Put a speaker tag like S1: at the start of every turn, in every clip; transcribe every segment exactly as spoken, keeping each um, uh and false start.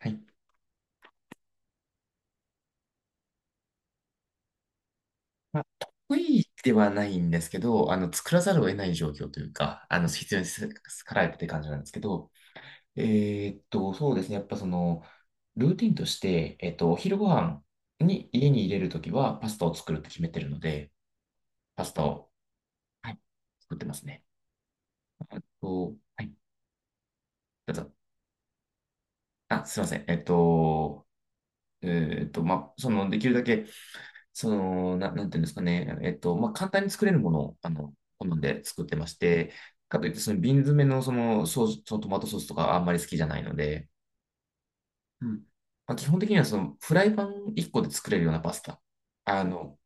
S1: はい。まあ、得意ではないんですけど、あの、作らざるを得ない状況というか、あの、必要にさかられてって感じなんですけど、えーっと、そうですね。やっぱその、ルーティンとして、えっと、お昼ご飯に家に入れるときはパスタを作るって決めてるので、パスタを、はい、作ってますね。あと、はい、どうぞ。あ、すいません。えっと、えーっと、まあ、その、できるだけその、な、なんていうんですかね、えっと、まあ、簡単に作れるものを、あの、好んで作ってまして、かといって、その瓶詰めのそのソース、そのトマトソースとかあんまり好きじゃないので、うん。まあ、基本的にはそのフライパンいっこで作れるようなパスタ。あの、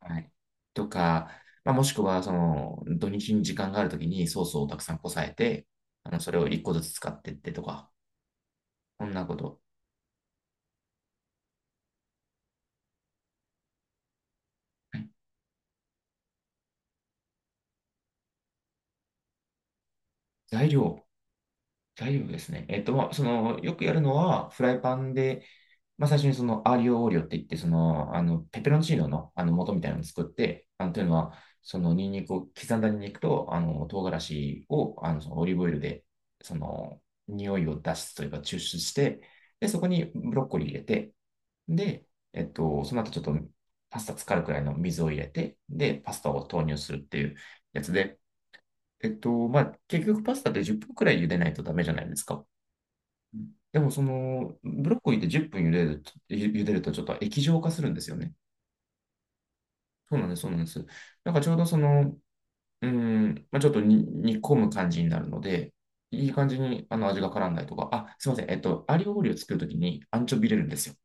S1: はい。とか、まあ、もしくはその土日に時間があるときにソースをたくさんこさえて、あの、それをいっこずつ使ってってとか、こんなこと。はい、材料、材料ですね。えっと、まあ、その、よくやるのは、フライパンで、まあ、最初にそのアーリオオーリオって言って、その、あの、ペペロンチーノの、あの、元みたいなのを作って、あの、というのは、その、ニンニクを、刻んだニンニクと、あの、唐辛子を、あの、そのオリーブオイルで、その、匂いを出すというか、抽出して、で、そこにブロッコリー入れて、で、えっと、その後ちょっと、パスタ浸かるくらいの水を入れて、で、パスタを投入するっていうやつで、えっと、まあ、結局パスタってじゅっぷんくらい茹でないとダメじゃないですか。でもその、ブロッコリーってじゅっぷん茹でると、ゆ茹でるとちょっと液状化するんですよね。そうなんです、そうなんです。なんかちょうどその、うん、まあ、ちょっとに煮込む感じになるので、いい感じにあの味が絡んだりとか、あ、すいません、えっと、アリオオリを作るときにアンチョビ入れるんですよ。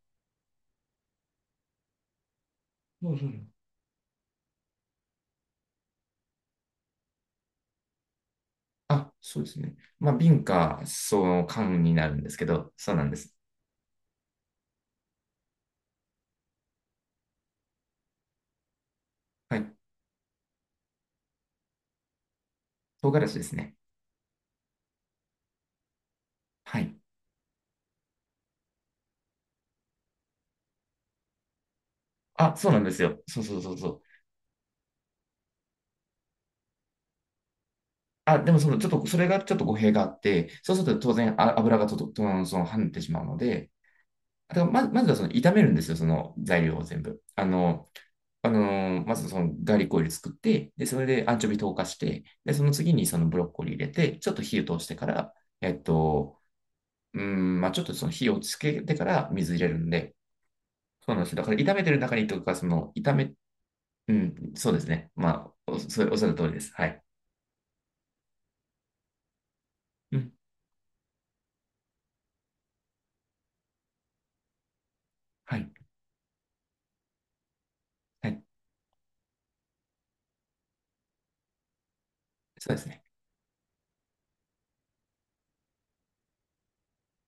S1: そうそうそう、あ、そうですね。まあ、瓶か、その缶になるんですけど、そうなんです。はい。唐辛子ですね。はい。あ、そうなんですよ。そうそうそうそう。あ、でもその、ちょっと、それがちょっと語弊があって、そうすると当然あ油がとと、とその跳ねてしまうので、あだからま、まずはその炒めるんですよ、その材料を全部。あの、あのーまずそのガーリックオイル作って、で、それでアンチョビ溶かして、で、その次にそのブロッコリー入れて、ちょっと火を通してから、えっと、うーん、まあちょっとその火をつけてから水入れるんで、そうなんですよ。だから炒めてる中にとか、その炒め、うん、そうですね。まあ、お、それおっしゃる通りです。はい。うん、はい。はい。そうですね。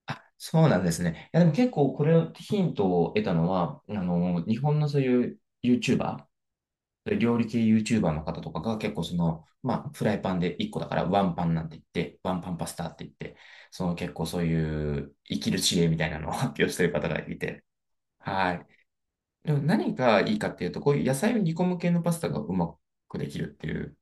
S1: あ、そうなんですね。いや、でも結構これをヒントを得たのは、あの、日本のそういう YouTuber、料理系 YouTuber の方とかが結構その、まあ、フライパンでいっこだからワンパンなんて言って、ワンパンパスタって言って、その結構そういう生きる知恵みたいなのを 発表してる方がいて、はい。でも何がいいかっていうと、こういう野菜を煮込む系のパスタがうまくできるっていう、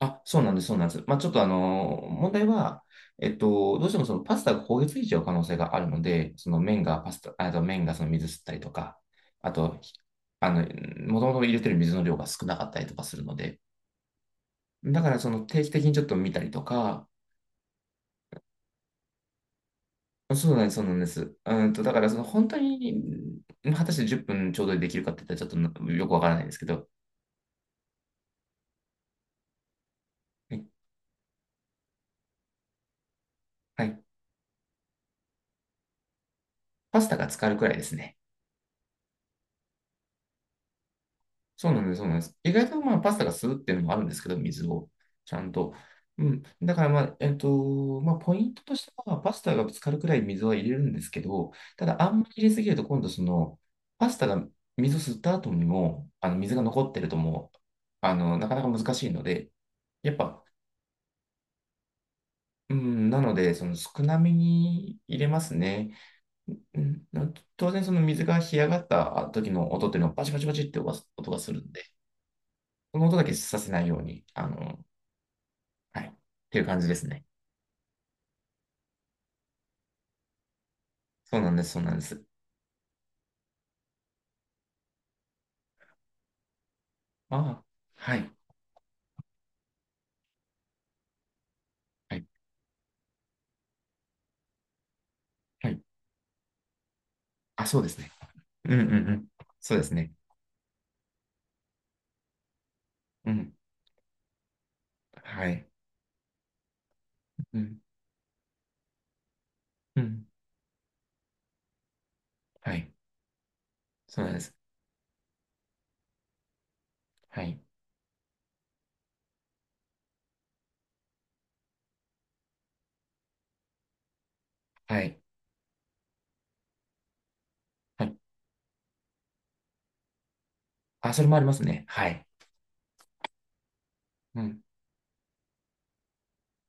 S1: あ、そうなんです、そうなんです。まあ、ちょっとあの問題は、えっと、どうしてもそのパスタが焦げついちゃう可能性があるので、その麺がパスタ、ああと麺がその水吸ったりとか、あと、ひあの、もともと入れてる水の量が少なかったりとかするので、だからその定期的にちょっと見たりとか、そうなんです、そうなんです。うんと、だからその本当に、うん、果たしてじゅっぷんちょうどでできるかって言ったらちょっとよくわからないですけど、ね、はい。パスタが浸かるくらいですね。そうなんです、そうなんです。意外とまあパスタが吸うっていうのもあるんですけど、水をちゃんと。うん。だからまあ、えっと、まあ、ポイントとしては、パスタがぶつかるくらい水は入れるんですけど、ただあんまり入れすぎると、今度その、パスタが水を吸った後にも、あの水が残ってるともう、あの、なかなか難しいので、やっぱ、うん、なので、その少なめに入れますね。うん、当然、その水が干上がった時の音っていうのは、バチバチバチって音がするんで、この音だけさせないように、あの、はい。っていう感じですね。そうなんです、そうなんです。ああ、はい、はい、はい。あ、そうですね。うん、うん、うん。そうですね。うん。はい。うん。うん。はい。そうなんです。はい。はい。はい。あ、それもありますね。はい。うん。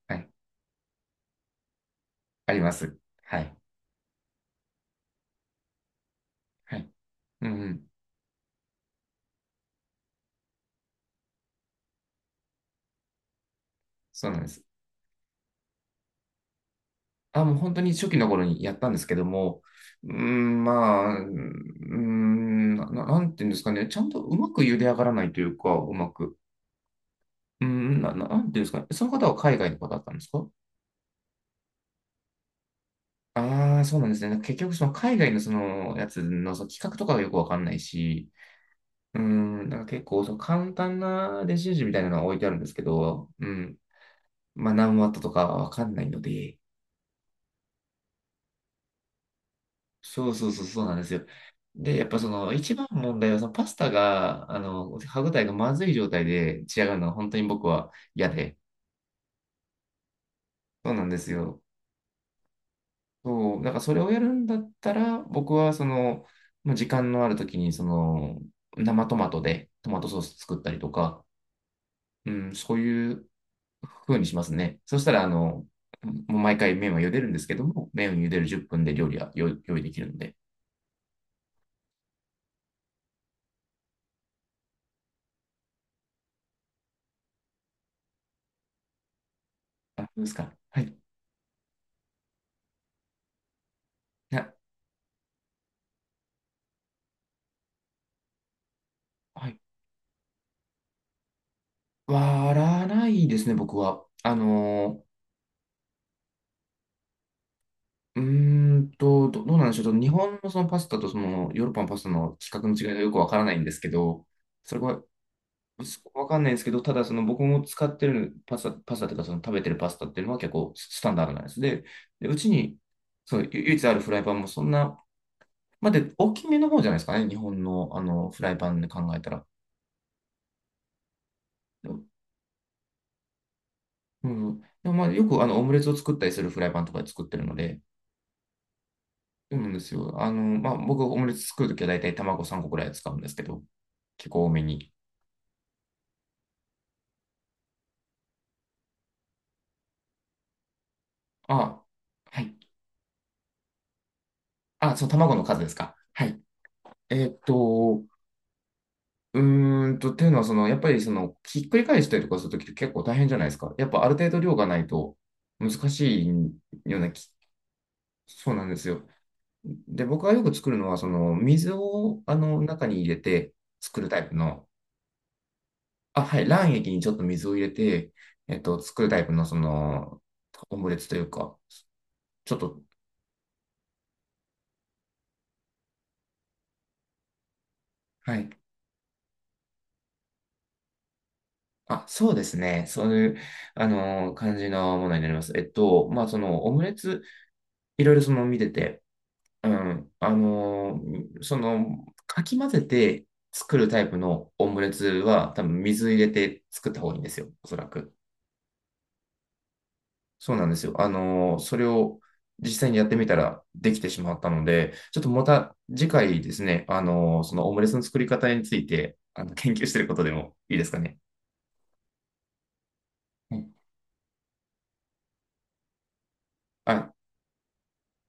S1: はい。あります。はい。はい。うん、うん。そうなんです。あ、もう本当に初期の頃にやったんですけども、うーん、まあ、うーん、な、なんていうんですかね。ちゃんとうまく茹で上がらないというか、うまく。うん、な、ななんていうんですかね。その方は海外の方だったんですか？ああー、そうなんですね。結局、その海外のそのやつのその企画とかがよくわかんないし、うん、なんか結構その簡単な電子レンジみたいなのが置いてあるんですけど、うん、まあ何ワットとかわかんないので、そうそうそうそうなんですよ。で、やっぱその一番問題はそのパスタが、あの、歯ごたえがまずい状態で仕上がるのが本当に僕は嫌で、そうなんですよ。そう、なんかそれをやるんだったら、僕はその、まあ時間のある時に、その、生トマトでトマトソース作ったりとか、うん、そういう風にしますね。そしたら、あの、もう毎回麺は茹でるんですけども、麺を茹でるじゅっぷんで料理は用用意できるので。あ、そうですか。はい。な、はい。割らないですね、僕は。あのー、うーんと、ど、どうなんでしょう。ちょっと日本のそのパスタとそのヨーロッパのパスタの規格の違いがよくわからないんですけど、それはすわかんないんですけど、ただその僕も使ってるパスタ、パスタというかその食べてるパスタっていうのは結構ススタンダードなやつで、で、うちにそうゆ唯一あるフライパンもそんな、まあ、で、大きめの方じゃないですかね、日本の、あのフライパンで考えたら。でも、うん、でもまあよくあのオムレツを作ったりするフライパンとかで作ってるので、そうなんですよ。あの、まあ、僕オムレツ作るときは大体卵さんこくらい使うんですけど、結構多めに。あ、はい。あ、そう、卵の数ですか。はい。えーっと、うーんと、っていうのは、その、やっぱり、その、ひっくり返したりとかするときって結構大変じゃないですか。やっぱ、ある程度量がないと難しいようなき、そうなんですよ。で、僕がよく作るのは、その、水を、あの、中に入れて作るタイプの、あ、はい、卵液にちょっと水を入れて、えっと、作るタイプの、その、オムレツというか、ちょっと、はい。あ、そうですね。そういう、あの、感じのものになります。えっと、まあ、その、オムレツ、いろいろその、見てて、うん、あのーその、かき混ぜて作るタイプのオムレツは、多分水入れて作った方がいいんですよ、おそらく。そうなんですよ。あのーそれを実際にやってみたらできてしまったので、ちょっとまた次回ですね、あのーそのオムレツの作り方について、あの、研究してることでもいいですかね。はい、あ